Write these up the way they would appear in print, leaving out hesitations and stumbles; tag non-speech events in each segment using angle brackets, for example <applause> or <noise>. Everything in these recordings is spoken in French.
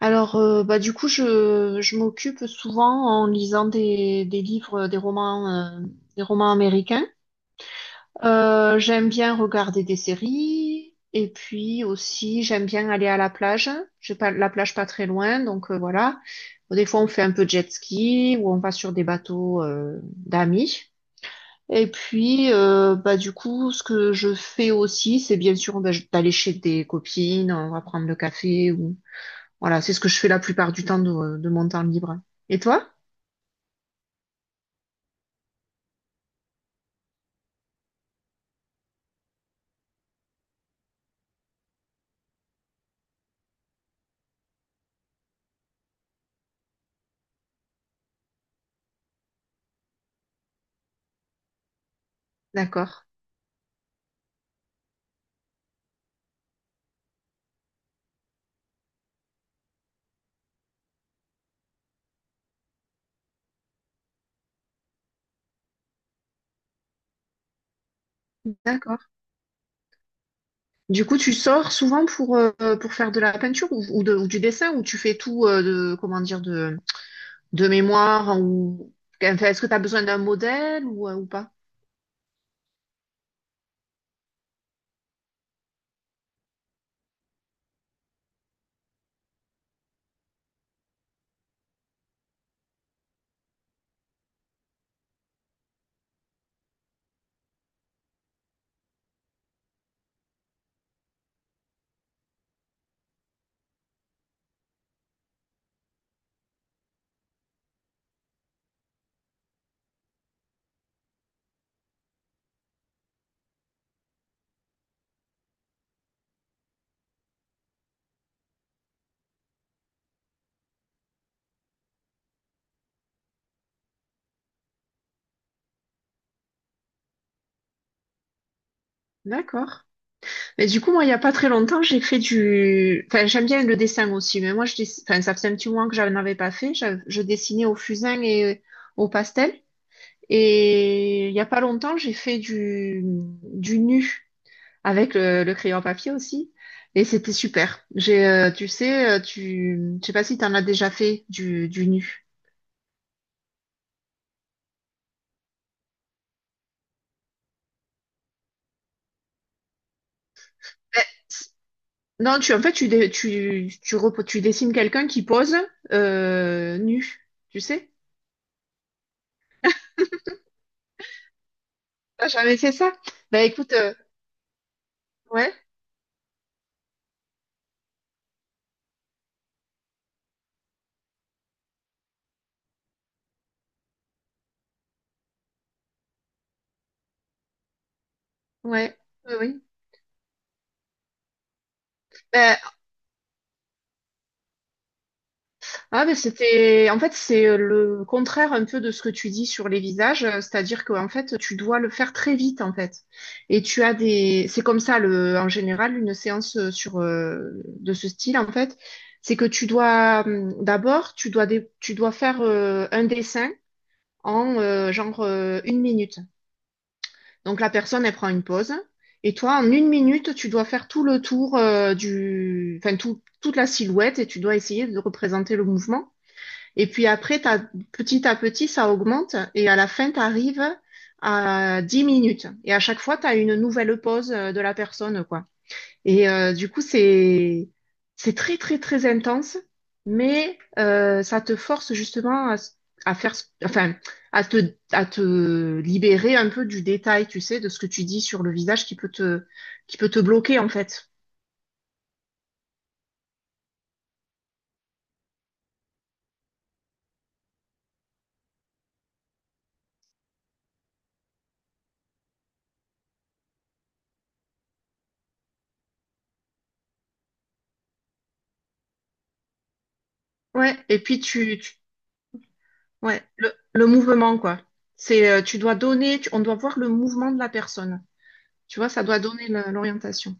Alors, je m'occupe souvent en lisant des livres, des romans américains. J'aime bien regarder des séries et puis aussi j'aime bien aller à la plage. J'ai pas la plage pas très loin, donc voilà. Des fois, on fait un peu de jet ski ou on va sur des bateaux d'amis. Et puis, ce que je fais aussi, c'est bien sûr d'aller chez des copines, on va prendre le café, voilà, c'est ce que je fais la plupart du temps de mon temps libre. Et toi? D'accord. D'accord. Du coup, tu sors souvent pour faire de la peinture ou du dessin ou tu fais tout comment dire, de mémoire ou enfin, est-ce que tu as besoin d'un modèle ou pas? D'accord. Mais du coup, moi, il n'y a pas très longtemps, j'ai fait du... Enfin, j'aime bien le dessin aussi, mais moi, enfin, ça faisait un petit moment que je n'en avais pas fait. Je dessinais au fusain et au pastel. Et il n'y a pas longtemps, j'ai fait du nu avec le crayon à papier aussi. Et c'était super. J'ai, tu sais, tu... Je sais pas si tu en as déjà fait du nu. Ben, non, tu, en fait, tu, dé- tu, repo- tu dessines quelqu'un qui pose nu, tu sais? T'as jamais fait ça? Ben écoute, ouais. Ouais, oui, oui. Ben, ben c'était, en fait, c'est le contraire un peu de ce que tu dis sur les visages, c'est-à-dire qu'en fait, tu dois le faire très vite, en fait. Et tu as des, c'est comme ça, le, en général, une séance de ce style, en fait, c'est que tu dois, tu dois faire un dessin en genre 1 minute. Donc la personne, elle prend une pause. Et toi, en 1 minute, tu dois faire tout le tour enfin toute la silhouette et tu dois essayer de représenter le mouvement. Et puis après, petit à petit, ça augmente et à la fin, tu arrives à 10 minutes. Et à chaque fois, tu as une nouvelle pose de la personne, quoi. Et du coup, c'est très très très intense, mais ça te force justement à, enfin, à te libérer un peu du détail, tu sais, de ce que tu dis sur le visage qui peut te bloquer en fait. Ouais. Ouais, le mouvement quoi. C'est tu dois donner, on doit voir le mouvement de la personne. Tu vois, ça doit donner l'orientation.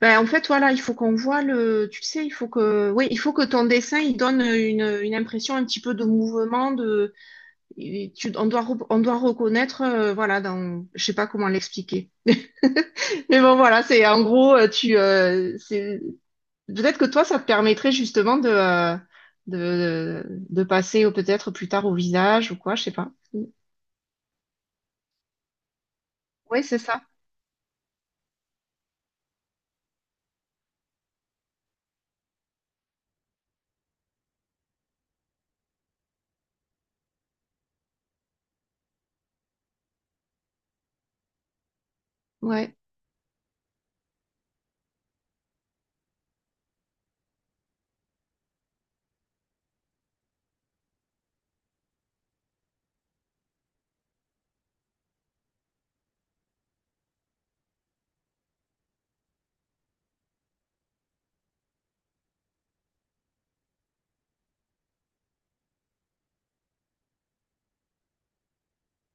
Ben, en fait, voilà, il faut qu'on voit le, tu sais, il faut que, oui, il faut que ton dessin, il donne une impression un petit peu de mouvement, de, et on doit, on doit reconnaître, voilà, dans, je sais pas comment l'expliquer. <laughs> Mais bon, voilà, c'est, en gros, peut-être que toi, ça te permettrait justement de, de passer peut-être plus tard au visage ou quoi, je sais pas. Oui, c'est ça. Ouais,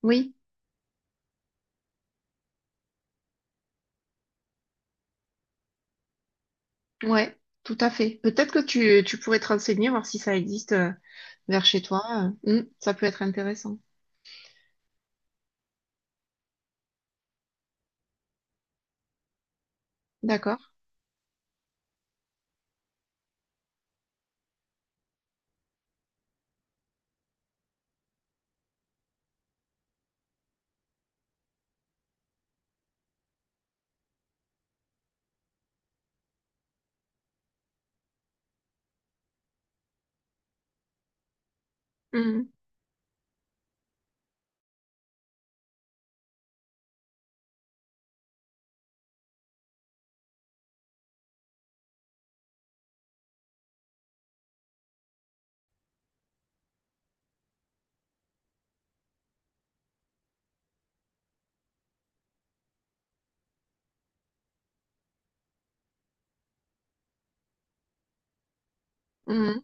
oui, ouais, tout à fait. Peut-être que tu pourrais te renseigner, voir si ça existe vers chez toi. Ça peut être intéressant. D'accord. Mhm, mhm.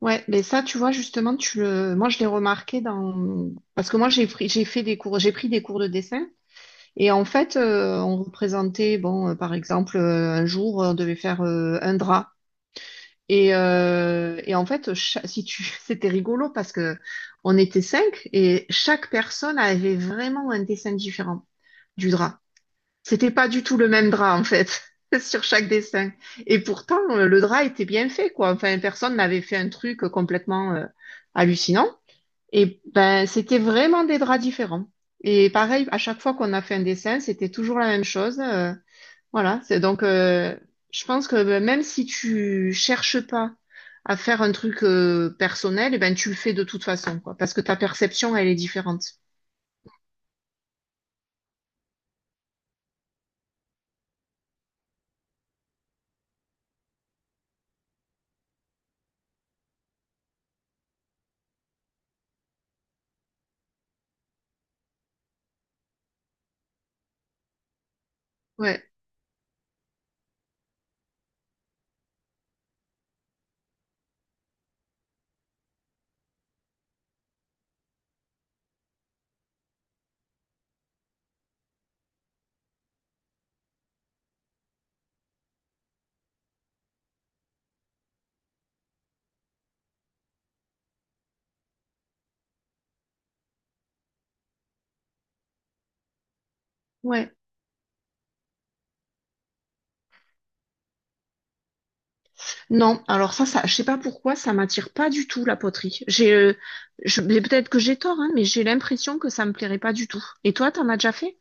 Ouais, mais ça, tu vois, justement, tu le... moi, je l'ai remarqué dans... Parce que moi, j'ai fait des cours, j'ai pris des cours de dessin. Et en fait, on représentait, bon, par exemple, un jour, on devait faire un drap. Et en fait, si tu... <laughs> c'était rigolo parce que on était 5 et chaque personne avait vraiment un dessin différent du drap. C'était pas du tout le même drap, en fait, <laughs> sur chaque dessin. Et pourtant, le drap était bien fait, quoi. Enfin, personne n'avait fait un truc complètement hallucinant. Et ben, c'était vraiment des draps différents. Et pareil, à chaque fois qu'on a fait un dessin, c'était toujours la même chose. Voilà. C'est donc, je pense que ben, même si tu cherches pas à faire un truc personnel, eh ben, tu le fais de toute façon, quoi. Parce que ta perception, elle est différente. Ouais. Ouais. Non, alors je sais pas pourquoi, ça m'attire pas du tout la poterie. Mais peut-être que j'ai tort, hein, mais j'ai l'impression que ça me plairait pas du tout. Et toi, t'en as déjà fait?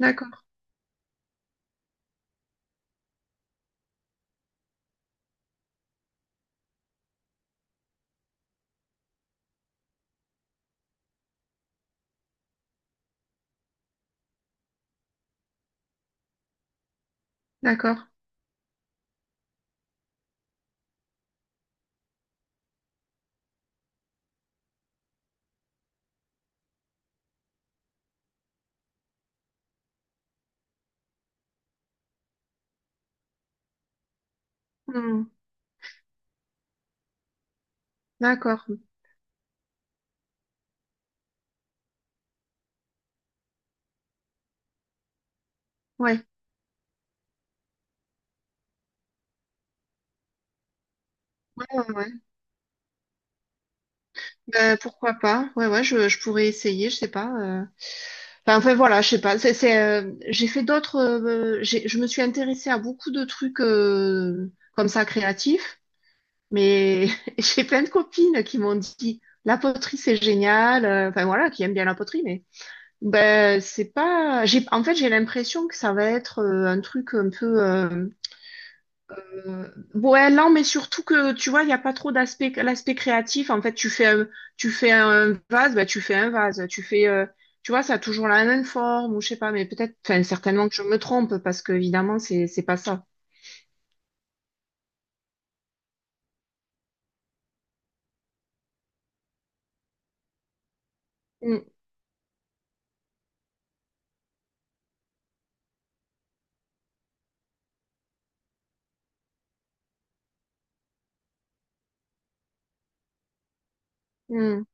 D'accord, d'accord. Hmm, d'accord. Ouais. Ouais, ouais, ouais. Ben, pourquoi pas? Ouais, ouais, je pourrais essayer, je sais pas. Enfin, voilà, je sais pas. J'ai fait d'autres. Je me suis intéressée à beaucoup de trucs comme ça créatifs, mais <laughs> j'ai plein de copines qui m'ont dit la poterie c'est génial. Enfin voilà, qui aiment bien la poterie, mais ben, c'est pas. J'ai... En fait, j'ai l'impression que ça va être un truc un peu. Euh, Ouais, lent, mais surtout que, tu vois, il n'y a pas trop d'aspect l'aspect créatif. En fait, tu fais un vase, ben, tu fais un vase. Tu fais. Tu vois, ça a toujours la même forme, ou je sais pas, mais peut-être. Enfin, certainement que je me trompe, parce que, évidemment, c'est pas ça. Mm, mm.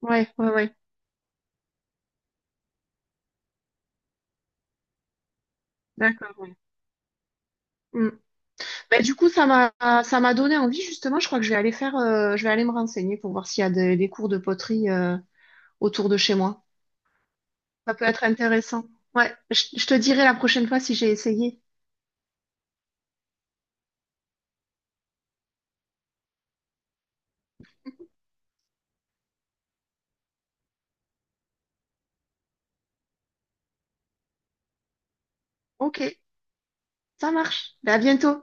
Ouais, ouais, ouais. D'accord, ouais. Mm. Ben, du coup, ça m'a donné envie, justement. Je crois que je vais aller faire. Je vais aller me renseigner pour voir s'il y a des cours de poterie autour de chez moi. Ça peut être intéressant. Ouais, je te dirai la prochaine fois si j'ai essayé. Ok, ça marche. Ben, à bientôt.